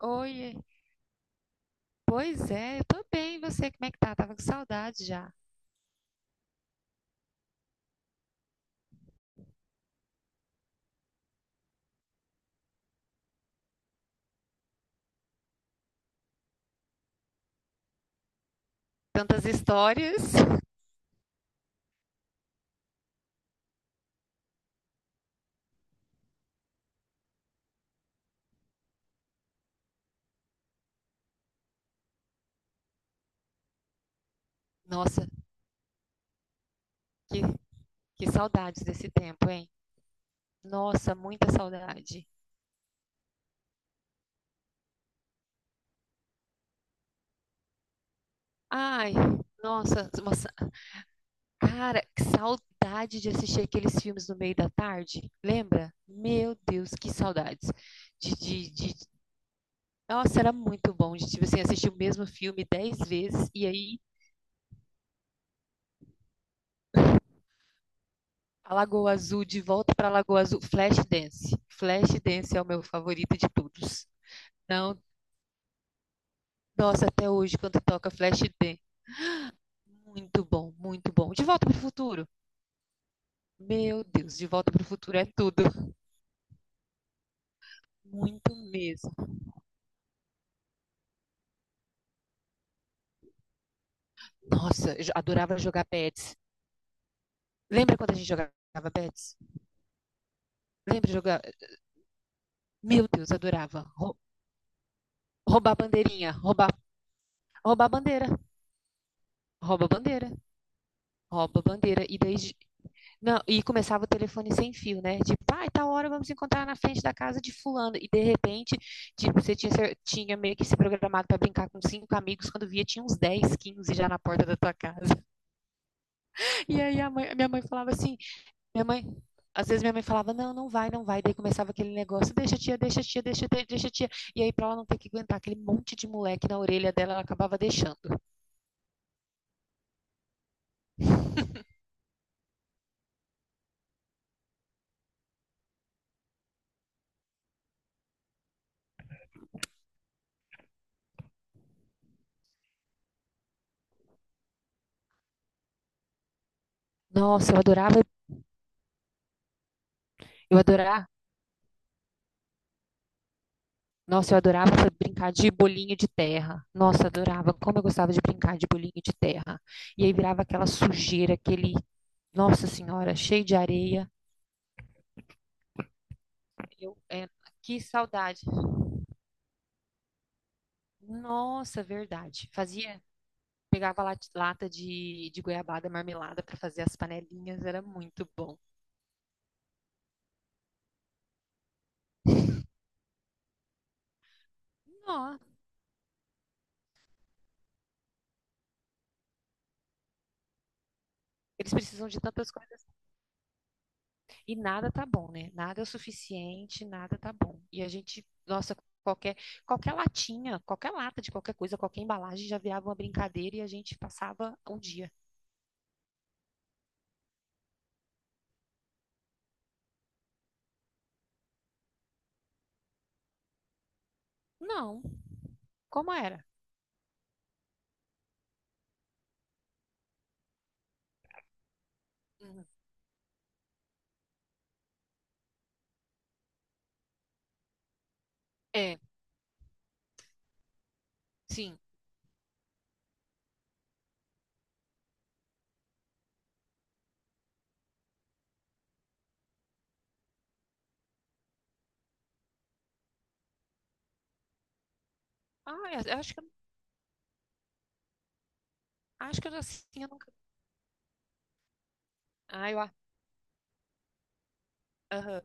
Oi, pois é, eu tô bem, e você, como é que tá? Tava com saudade já. Tantas histórias. Nossa, que, que saudades desse tempo, hein? Nossa, muita saudade. Ai, nossa, nossa, cara, que saudade de assistir aqueles filmes no meio da tarde, lembra? Meu Deus, que saudades. De, de, de... Nossa, era muito bom de, tipo assim, assistir o mesmo filme 10 vezes e aí A Lagoa Azul, De Volta para a Lagoa Azul, Flashdance. Flashdance é o meu favorito de todos. Não, nossa, até hoje quando toca Flashdance, muito bom, muito bom. De Volta para o Futuro. Meu Deus, De Volta para o Futuro é tudo, muito mesmo. Nossa, eu adorava jogar pets. Lembra quando a gente jogava pets? Lembra jogar? Meu Deus, adorava. Roubar bandeirinha, roubar bandeira, rouba bandeira, rouba bandeira e daí. Não, e começava o telefone sem fio, né? Tipo, ah, e tal hora vamos encontrar na frente da casa de fulano. E de repente, tipo, você tinha, tinha meio que se programado pra brincar com cinco amigos, quando via tinha uns 10, 15 já na porta da tua casa. E aí a minha mãe falava assim, minha mãe, às vezes minha mãe falava, não, não vai, não vai. Daí começava aquele negócio, deixa tia, deixa tia, deixa tia, deixa tia. E aí pra ela não ter que aguentar aquele monte de moleque na orelha dela, ela acabava deixando. Nossa, eu adorava, eu adorava Nossa, eu adorava brincar de bolinho de terra. Nossa, adorava. Como eu gostava de brincar de bolinho de terra. E aí virava aquela sujeira, aquele. Nossa Senhora, cheio de areia. Eu, é, que saudade. Nossa, verdade. Fazia. Pegava lata de goiabada marmelada para fazer as panelinhas. Era muito bom. Nossa, eles precisam de tantas coisas. E nada tá bom, né? Nada é o suficiente, nada tá bom. E a gente, nossa, qualquer, qualquer latinha, qualquer lata de qualquer coisa, qualquer embalagem já virava uma brincadeira e a gente passava um dia. Não, como era? Uhum. É, sim. Ah, eu acho que eu assim, eu nunca. Ai, aham.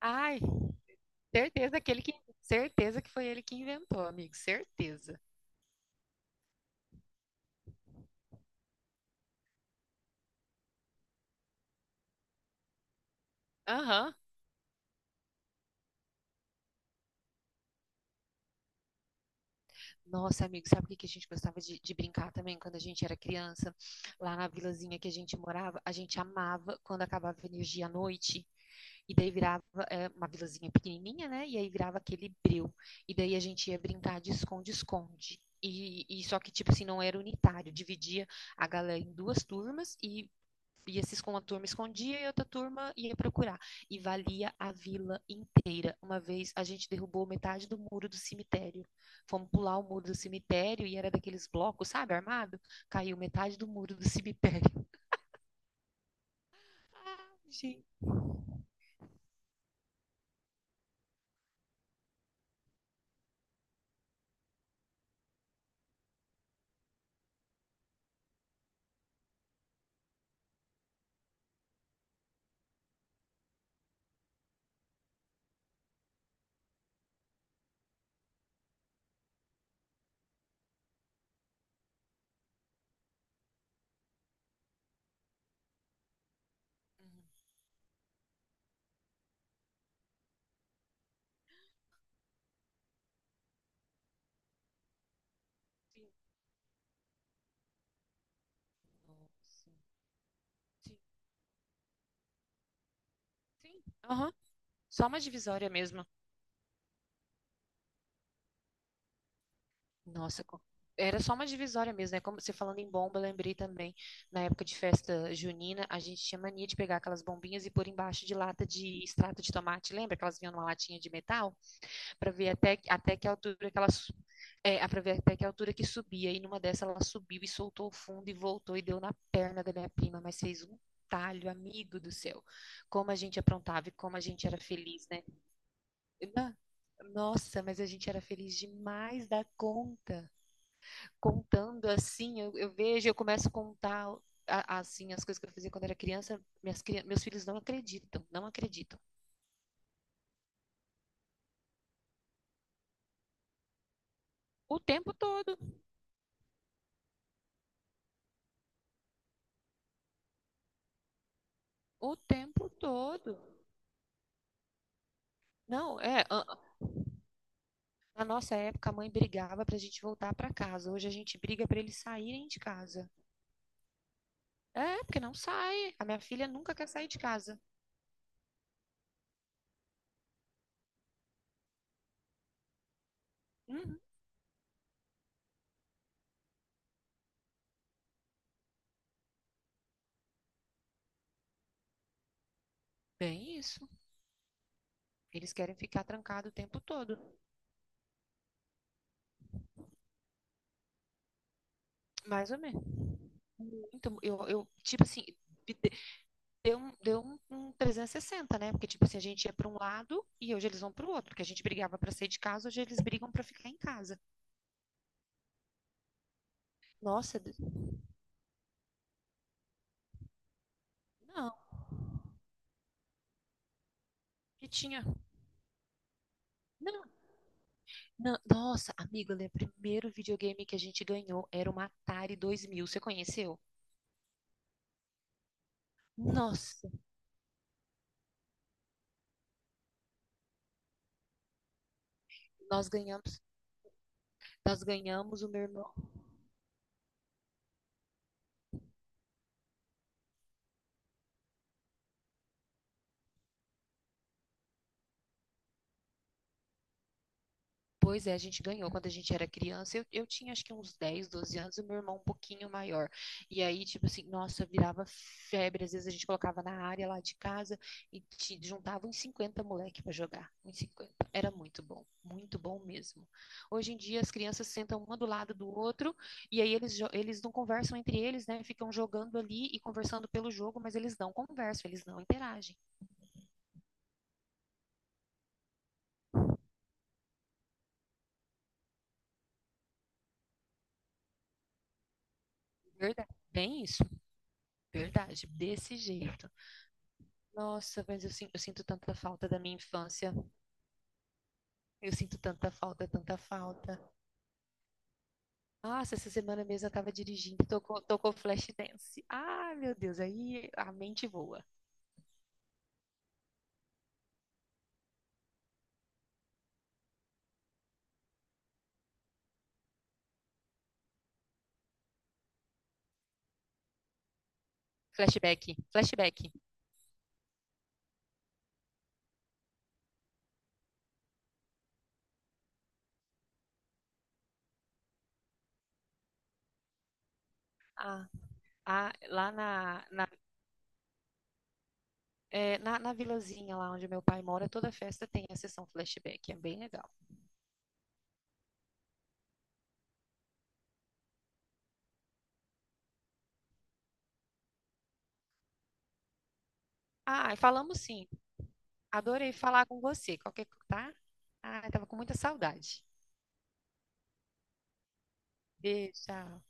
Ai, certeza que ele que, certeza que foi ele que inventou, amigo, certeza. Aham. Nossa, amigo, sabe o que que a gente gostava de brincar também quando a gente era criança? Lá na vilazinha que a gente morava, a gente amava quando acabava a energia à noite. E daí virava uma vilazinha pequenininha, né? E aí virava aquele breu. E daí a gente ia brincar de esconde-esconde. E só que, tipo assim, não era unitário. Dividia a galera em duas turmas e ia se esconder, uma turma escondia e outra turma ia procurar. E valia a vila inteira. Uma vez a gente derrubou metade do muro do cemitério. Fomos pular o muro do cemitério e era daqueles blocos, sabe, armado? Caiu metade do muro do cemitério. Gente. Uhum. Sim. Nossa. Sim. Sim. Aham. Só uma divisória mesmo. Nossa, era só uma divisória mesmo, né? Como você falando em bomba, eu lembrei também, na época de festa junina, a gente tinha mania de pegar aquelas bombinhas e pôr embaixo de lata de extrato de tomate. Lembra que elas vinham numa latinha de metal? Pra ver até que altura que elas. É, pra ver até que altura que subia. E numa dessa ela subiu e soltou o fundo e voltou e deu na perna da minha prima, mas fez um talho, amigo do céu. Como a gente aprontava e como a gente era feliz, né? Na- Nossa, mas a gente era feliz demais da conta contando assim, eu vejo, eu começo a contar assim as coisas que eu fazia quando era criança, meus filhos não acreditam, não acreditam. O tempo todo, o tempo todo. Não, na nossa época a mãe brigava pra gente voltar pra casa. Hoje a gente briga pra eles saírem de casa. É, porque não sai. A minha filha nunca quer sair de casa. Uhum, bem isso. Eles querem ficar trancado o tempo todo, mais ou menos. Muito, tipo assim, deu um 360 né? Porque, tipo assim, a gente ia para um lado e hoje eles vão para o outro. Porque a gente brigava para sair de casa, hoje eles brigam para ficar em casa. Nossa, não, que tinha. Não, não, nossa, amigo, olha, o primeiro videogame que a gente ganhou era uma Atari 2000. Você conheceu? Nossa, nós ganhamos, nós ganhamos o meu irmão. Pois é, a gente ganhou quando a gente era criança. Eu tinha acho que uns 10 12 anos, e meu irmão um pouquinho maior. E aí, tipo assim, nossa, virava febre. Às vezes a gente colocava na área lá de casa e te juntava uns 50 moleque pra jogar. Uns 50. Era muito bom mesmo. Hoje em dia as crianças sentam uma do lado do outro e aí eles não conversam entre eles, né? Ficam jogando ali e conversando pelo jogo, mas eles não conversam, eles não interagem. Verdade. Bem isso, verdade, desse jeito. Nossa, mas eu sinto tanta falta da minha infância. Eu sinto tanta falta, tanta falta. Nossa, essa semana mesmo eu tava dirigindo, tocou Flashdance. Ah, meu Deus, aí a mente voa. Flashback, flashback. Ah, ah, lá na vilazinha lá onde meu pai mora, toda festa tem a sessão flashback, é bem legal. Ah, e falamos sim. Adorei falar com você. Tá? Ah, eu tava com muita saudade. Beijo, tchau.